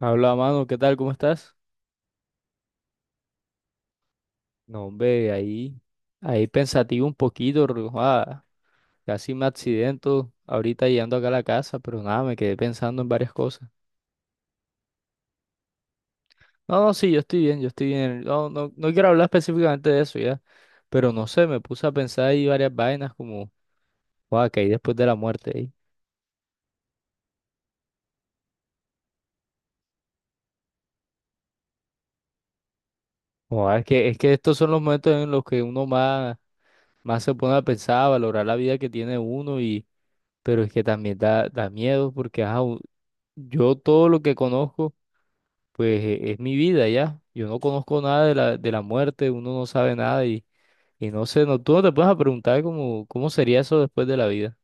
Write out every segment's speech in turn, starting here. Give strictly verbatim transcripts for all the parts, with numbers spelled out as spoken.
Habla, mano, ¿qué tal? ¿Cómo estás? No, hombre, ahí, ahí pensativo un poquito, ru- ah, casi me accidento ahorita llegando acá a la casa, pero nada, me quedé pensando en varias cosas. No, no, sí, yo estoy bien, yo estoy bien. No, no, no quiero hablar específicamente de eso ya, pero no sé, me puse a pensar ahí varias vainas como, wow, que hay después de la muerte ahí. Guau, es que, es que estos son los momentos en los que uno más, más se pone a pensar, a valorar la vida que tiene uno y, pero es que también da, da miedo porque, ah, yo todo lo que conozco. Pues e- es mi vida ya. Yo no conozco nada de la, de la muerte, uno no sabe nada y, y no sé, no, tú no te puedes preguntar cómo, cómo sería eso después de la vida.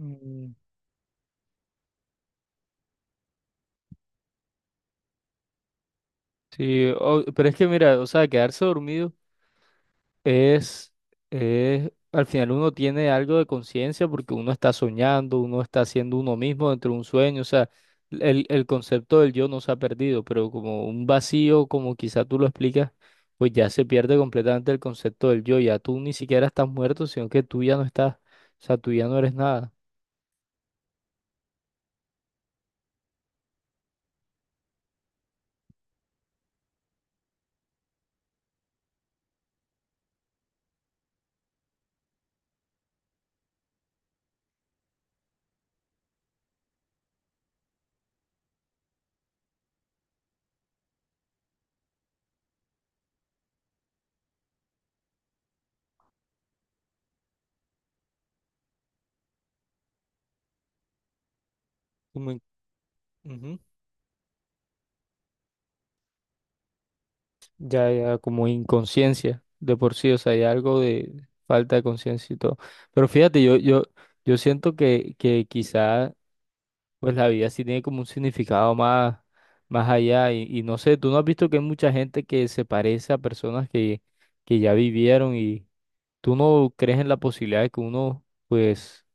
Mm. Sí, o- pero es que mira, o sea, quedarse dormido. Es, es, al final uno tiene algo de conciencia porque uno está soñando, uno está siendo uno mismo dentro de un sueño, o sea, el, el concepto del yo no se ha perdido, pero como un vacío, como quizá tú lo explicas, pues ya se pierde completamente el concepto del yo, ya tú ni siquiera estás muerto, sino que tú ya no estás, o sea, tú ya no eres nada, como in- ujú. Ya, ya como inconsciencia de por sí, o sea, hay algo de falta de conciencia y todo. Pero fíjate, yo, yo, yo siento que, que quizá pues la vida sí tiene como un significado más, más allá y, y no sé, ¿tú no has visto que hay mucha gente que se parece a personas que, que ya vivieron y tú no crees en la posibilidad de que uno pues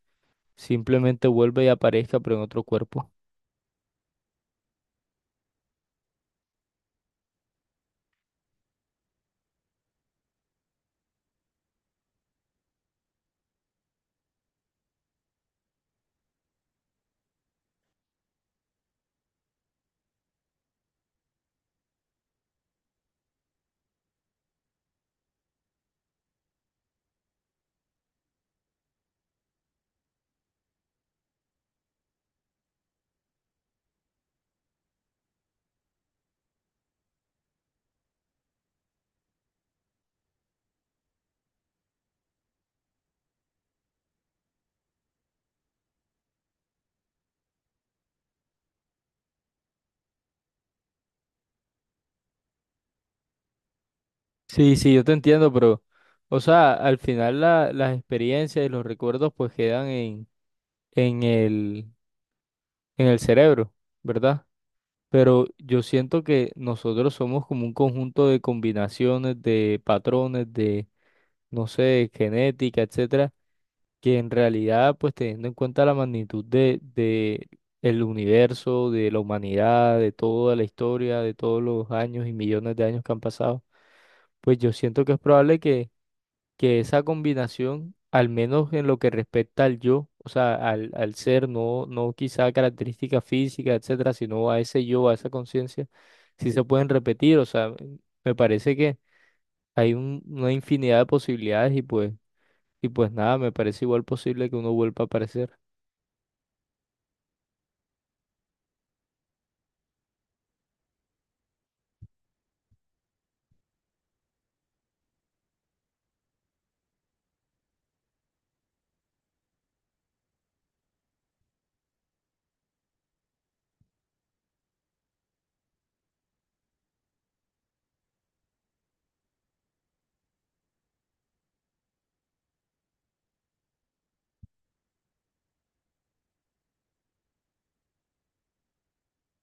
simplemente vuelva y aparezca pero en otro cuerpo? Sí, sí, yo te entiendo, pero o sea, al final la- las experiencias y los recuerdos pues quedan en, en el, en el cerebro, ¿verdad? Pero yo siento que nosotros somos como un conjunto de combinaciones, de patrones, de no sé, genética, etcétera, que en realidad, pues teniendo en cuenta la magnitud de, de el universo, de la humanidad, de toda la historia, de todos los años y millones de años que han pasado, pues yo siento que es probable que, que esa combinación, al menos en lo que respecta al yo, o sea, al, al ser, no, no quizá a características físicas, etcétera, sino a ese yo, a esa conciencia, sí se pueden repetir, o sea, me parece que hay un- una infinidad de posibilidades y pues y pues nada, me parece igual posible que uno vuelva a aparecer.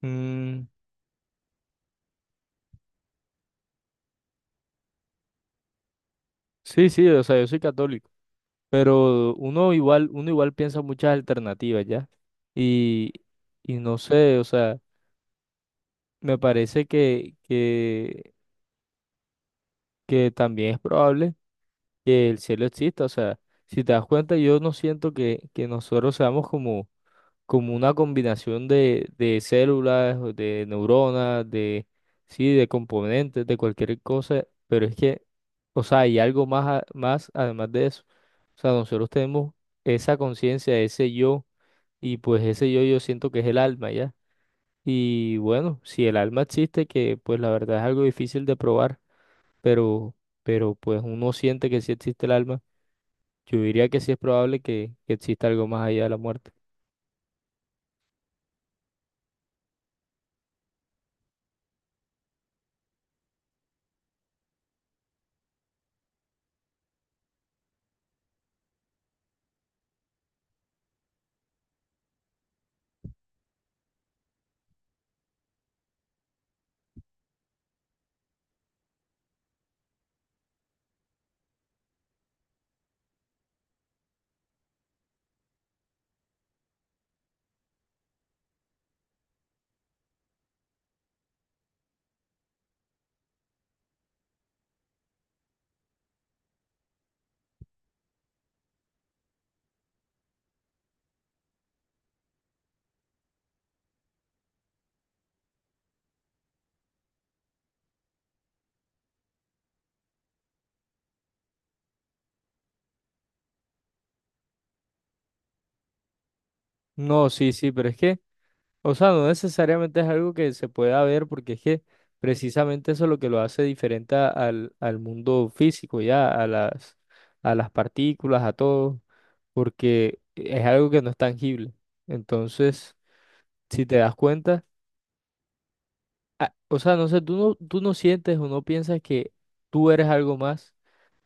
Mm, sí, sí, o sea, yo soy católico, pero uno igual, uno igual piensa muchas alternativas, ¿ya? Y, y no sé, o sea, me parece que, que, que también es probable que el cielo exista, o sea, si te das cuenta, yo no siento que, que nosotros seamos como como una combinación de, de células, o de neuronas, de, sí, de componentes, de cualquier cosa, pero es que, o sea, hay algo más, a- más además de eso. O sea, nosotros tenemos esa conciencia, ese yo, y pues ese yo yo siento que es el alma, ¿ya? Y bueno, si el alma existe, que pues la verdad es algo difícil de probar, pero, pero pues uno siente que sí existe el alma, yo diría que sí es probable que, que exista algo más allá de la muerte. No, sí, sí, pero es que... O sea, no necesariamente es algo que se pueda ver porque es que precisamente eso es lo que lo hace diferente a- al, al mundo físico, ya, a las, a las partículas, a todo, porque es algo que no es tangible. Entonces, si te das cuenta, ah, o sea, no sé, tú no, ¿tú no sientes o no piensas que tú eres algo más,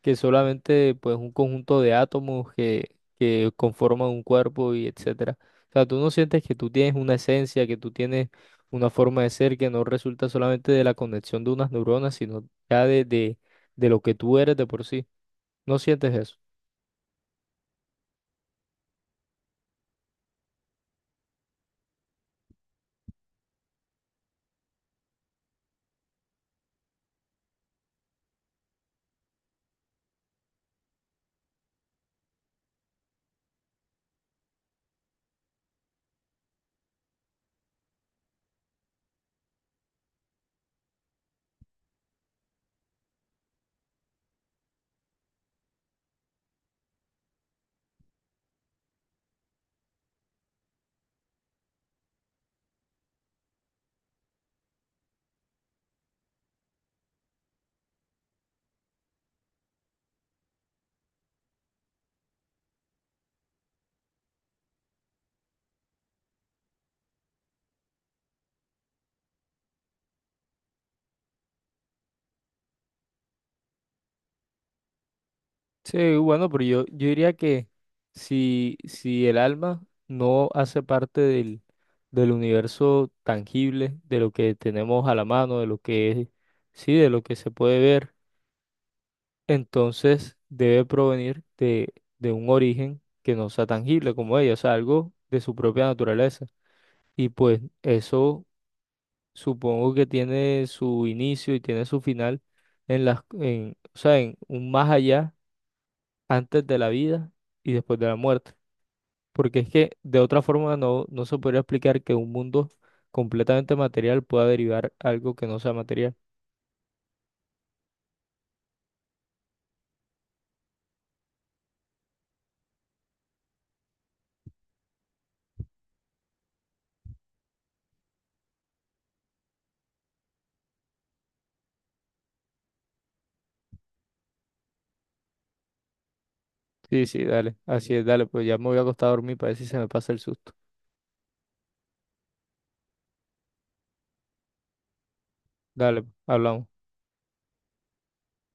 que solamente pues un conjunto de átomos que, que conforman un cuerpo y etcétera? O sea, ¿tú no sientes que tú tienes una esencia, que tú tienes una forma de ser que no resulta solamente de la conexión de unas neuronas, sino ya de, de, de lo que tú eres de por sí? ¿No sientes eso? Sí, bueno, pero yo, yo diría que si, si el alma no hace parte del, del universo tangible, de lo que tenemos a la mano, de lo que es, sí, de lo que se puede ver, entonces debe provenir de, de un origen que no sea tangible como ella, o sea, algo de su propia naturaleza. Y pues eso supongo que tiene su inicio y tiene su final en las, en, o sea, en un más allá antes de la vida y después de la muerte. Porque es que de otra forma no, no se podría explicar que un mundo completamente material pueda derivar algo que no sea material. Sí, sí, dale, así es, dale, pues ya me voy a acostar a dormir para ver si se me pasa el susto. Dale, hablamos.